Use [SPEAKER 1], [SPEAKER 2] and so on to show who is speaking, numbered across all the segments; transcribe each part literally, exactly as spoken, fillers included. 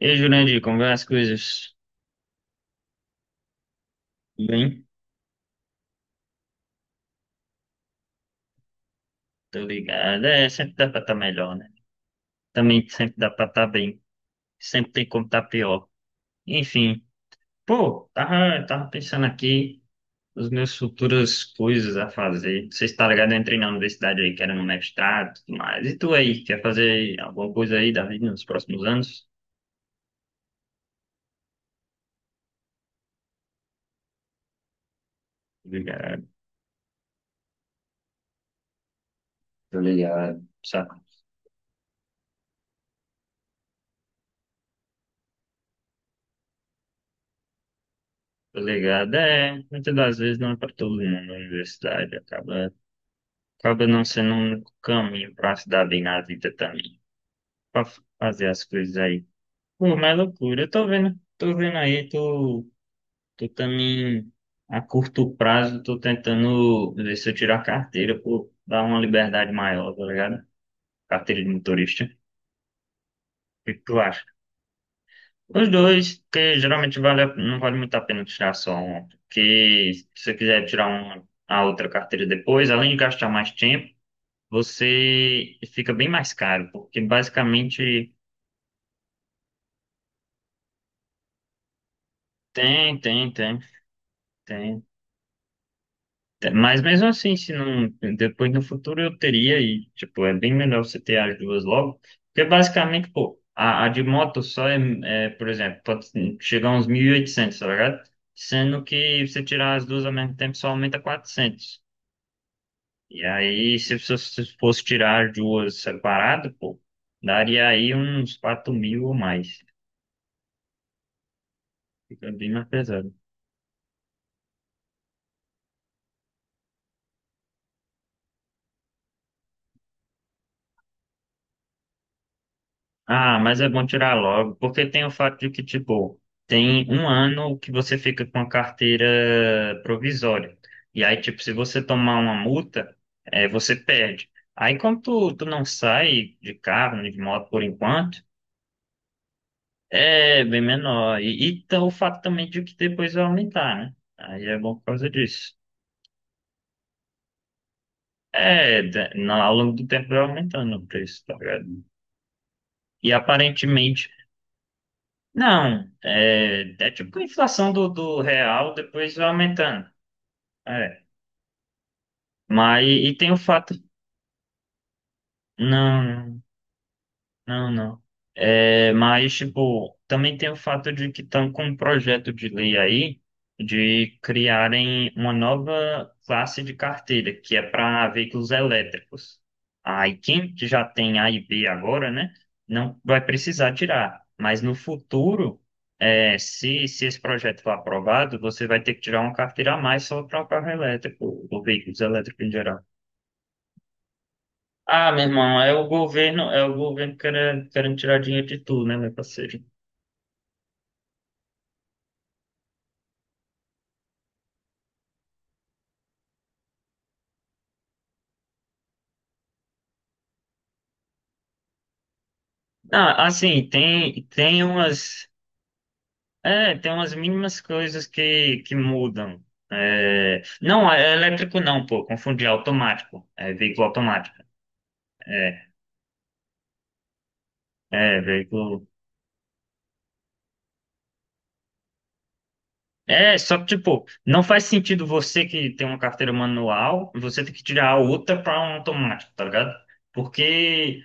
[SPEAKER 1] E aí, Jurandir, como vão as coisas? Tudo bem, tô ligado. É, sempre dá pra estar melhor, né? Também sempre dá pra estar bem. Sempre tem como estar pior. Enfim, pô, tava, tava pensando aqui nas minhas futuras coisas a fazer. Você está ligado? Eu entrei na universidade aí, querendo um mestrado e tudo mais. E tu aí, quer fazer alguma coisa aí da vida nos próximos anos? Tô ligado. Tô ligado. Sabe? Tô ligado. É, muitas das vezes não é pra todo mundo na universidade, acaba. Acaba não sendo um único caminho pra se dar bem na vida também. Pra f- fazer as coisas aí. Pô, mas é loucura. Eu tô vendo, tô vendo aí, tô, tô também a curto prazo, tô tentando ver se eu tiro a carteira, pô, dar uma liberdade maior, tá ligado? Carteira de motorista. O que que tu acha? Os dois, porque geralmente vale, a- não vale muito a pena tirar só uma. Porque se você quiser tirar uma, a outra carteira depois, além de gastar mais tempo, você fica bem mais caro, porque basicamente tem, tem, tem, tem. Tem. Mas mesmo assim, se não, depois no futuro eu teria e, tipo, é bem melhor você ter as duas logo, porque basicamente, pô, a, a de moto só é, é, por exemplo, pode chegar a uns mil e oitocentos, tá ligado? Sendo que você tirar as duas ao mesmo tempo só aumenta quatrocentos. E aí, se você se fosse tirar as duas separado pô, daria aí uns quatro mil ou mais. Fica bem mais pesado. Ah, mas é bom tirar logo, porque tem o fato de que, tipo, tem um ano que você fica com a carteira provisória. E aí, tipo, se você tomar uma multa, é, você perde. Aí, como tu, tu não sai de carro, nem de moto por enquanto, é bem menor. E, e tá o fato também de que depois vai aumentar, né? Aí é bom por causa disso. É, de- na- ao longo do tempo vai aumentando o preço, tá ligado? E aparentemente. Não, é, é tipo a inflação do, do real depois vai aumentando. É. Mas e tem o fato. Não. Não, não. É, mas, tipo, também tem o fato de que estão com um projeto de lei aí de criarem uma nova classe de carteira, que é para veículos elétricos. Aí, quem já tem A e B agora, né, não vai precisar tirar. Mas no futuro, é, se, se esse projeto for aprovado, você vai ter que tirar uma carteira a mais só para o carro elétrico, ou veículos elétricos em geral. Ah, meu irmão, é o governo, é o governo querendo, querendo tirar dinheiro de tudo, né, meu parceiro? Ah, assim, tem, tem umas, é, tem umas mínimas coisas que, que mudam. É, não, é elétrico não, pô, confundi, é automático, é veículo automático, é, é, veículo. É, só que, tipo, não faz sentido você que tem uma carteira manual, você ter que tirar a outra para um automático, tá ligado? Porque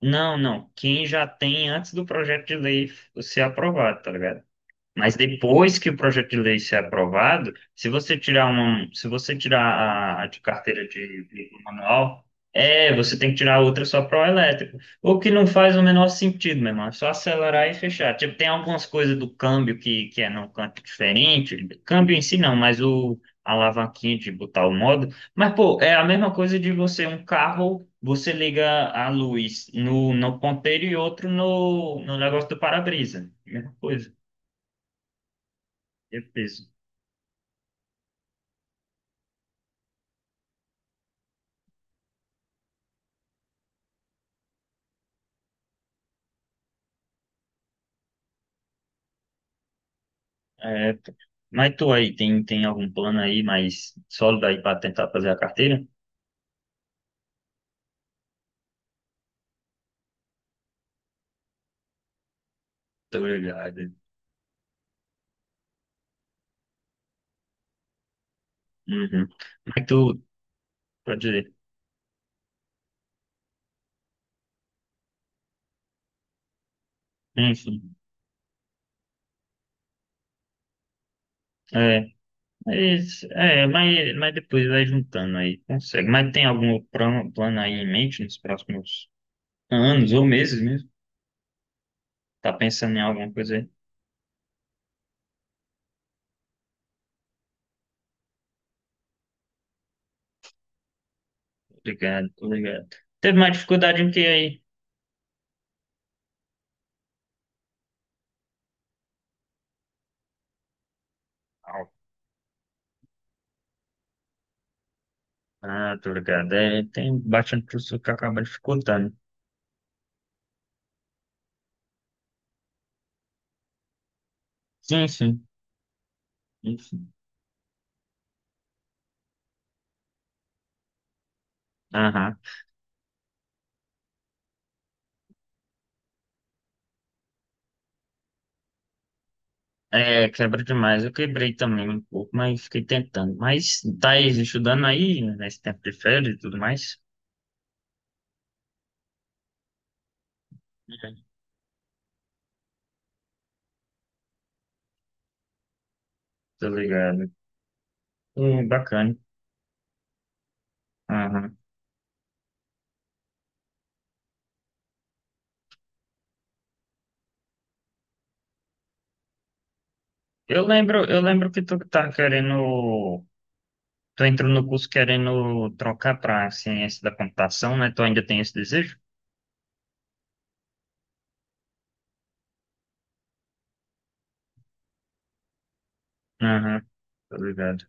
[SPEAKER 1] Não, não. Quem já tem antes do projeto de lei ser aprovado, tá ligado? Mas depois que o projeto de lei ser aprovado, se você tirar uma, se você tirar a, a de carteira de veículo manual, é, você tem que tirar outra só para o elétrico. O que não faz o menor sentido, meu irmão. É só acelerar e fechar. Tipo, tem algumas coisas do câmbio que, que é num canto diferente. Câmbio em si não, mas o a alavanquinha de botar o modo. Mas, pô, é a mesma coisa de você, um carro, você liga a luz no, no ponteiro e outro no, no negócio do para-brisa. Mesma coisa. É. É, mas tu aí, tem, tem algum plano aí mais sólido aí pra tentar fazer a carteira? Tô ligado. Uhum. Mas tu, pode dizer, enfim, é, mas, é, mas, mas depois vai juntando aí, consegue. Mas tem algum plan- plano aí em mente nos próximos anos ou meses mesmo? Tá pensando em alguma coisa aí? Tô ligado, tô ligado. Teve mais dificuldade em que aí? Ah, tô ligado. É, tem bastante pessoa que acaba dificultando. Sim, sim. Enfim. Aham. É, quebra demais. Eu quebrei também um pouco, mas fiquei tentando. Mas tá aí, estudando aí, né, nesse tempo de férias e tudo mais. Uhum. Tô ligado. Hum, bacana. Aham. Eu lembro, eu lembro que tu tá querendo. Tu entrou no curso querendo trocar pra ciência da computação, né? Tu ainda tem esse desejo? Aham, tô ligado.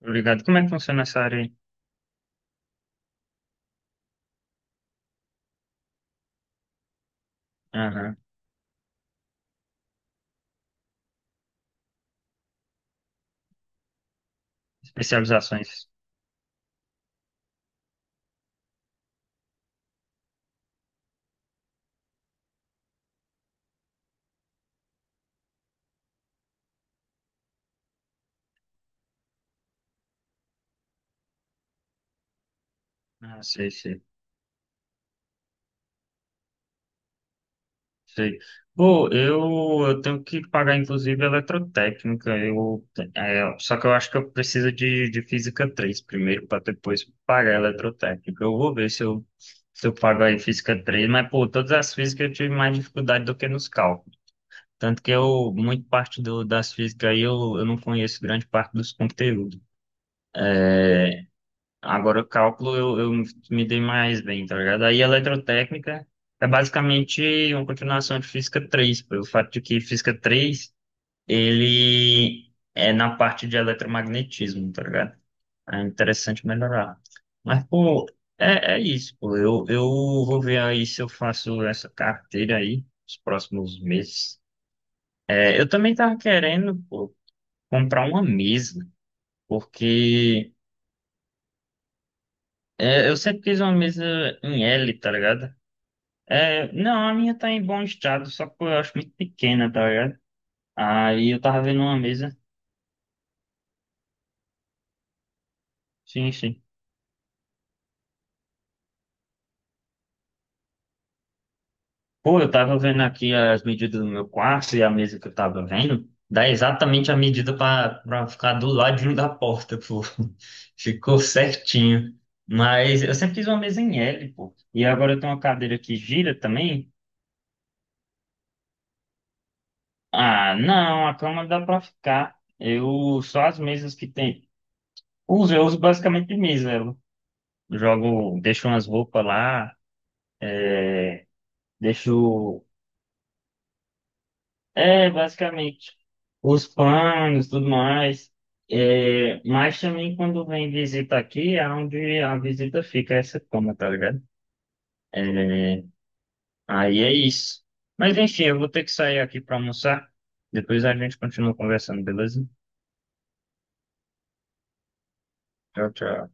[SPEAKER 1] Tô ligado. Como é que funciona essa área aí? Aham. Especializações. Ah, sei, sei. Sei. Pô, eu, eu tenho que pagar, inclusive, eletrotécnica. Eu, é, só que eu acho que eu preciso de, de física três primeiro, para depois pagar a eletrotécnica. Eu vou ver se eu, se eu pago aí física três mas, pô, todas as físicas eu tive mais dificuldade do que nos cálculos. Tanto que eu, muito parte do, das físicas aí, eu, eu não conheço grande parte dos conteúdos. É, agora, o cálculo eu, eu me dei mais bem, tá ligado? Aí, eletrotécnica é basicamente uma continuação de física três pelo fato de que física três ele é na parte de eletromagnetismo, tá ligado? É interessante melhorar. Mas, pô, é, é isso, pô. Eu, eu vou ver aí se eu faço essa carteira aí nos próximos meses. É, eu também tava querendo, pô, comprar uma mesa, porque. É, eu sempre quis uma mesa em éle, tá ligado? É, não, a minha tá em bom estado, só que eu acho muito pequena, tá ligado? Aí eu tava vendo uma mesa. Sim, sim. Pô, eu tava vendo aqui as medidas do meu quarto e a mesa que eu tava vendo. Dá exatamente a medida pra, pra ficar do ladinho da porta, pô. Ficou certinho. Mas eu sempre quis uma mesa em éle, pô. E agora eu tenho uma cadeira que gira também. Ah, não, a cama dá pra ficar. Eu só as mesas que tem. Uso, eu uso basicamente Miserlo. Jogo, deixo umas roupas lá, deixo. É, basicamente. Os panos, tudo mais. É, mas também quando vem visita aqui, é onde a visita fica, essa cama, tá ligado? É, aí é isso. Mas enfim, eu vou ter que sair aqui pra almoçar. Depois a gente continua conversando, beleza? Tchau, tchau.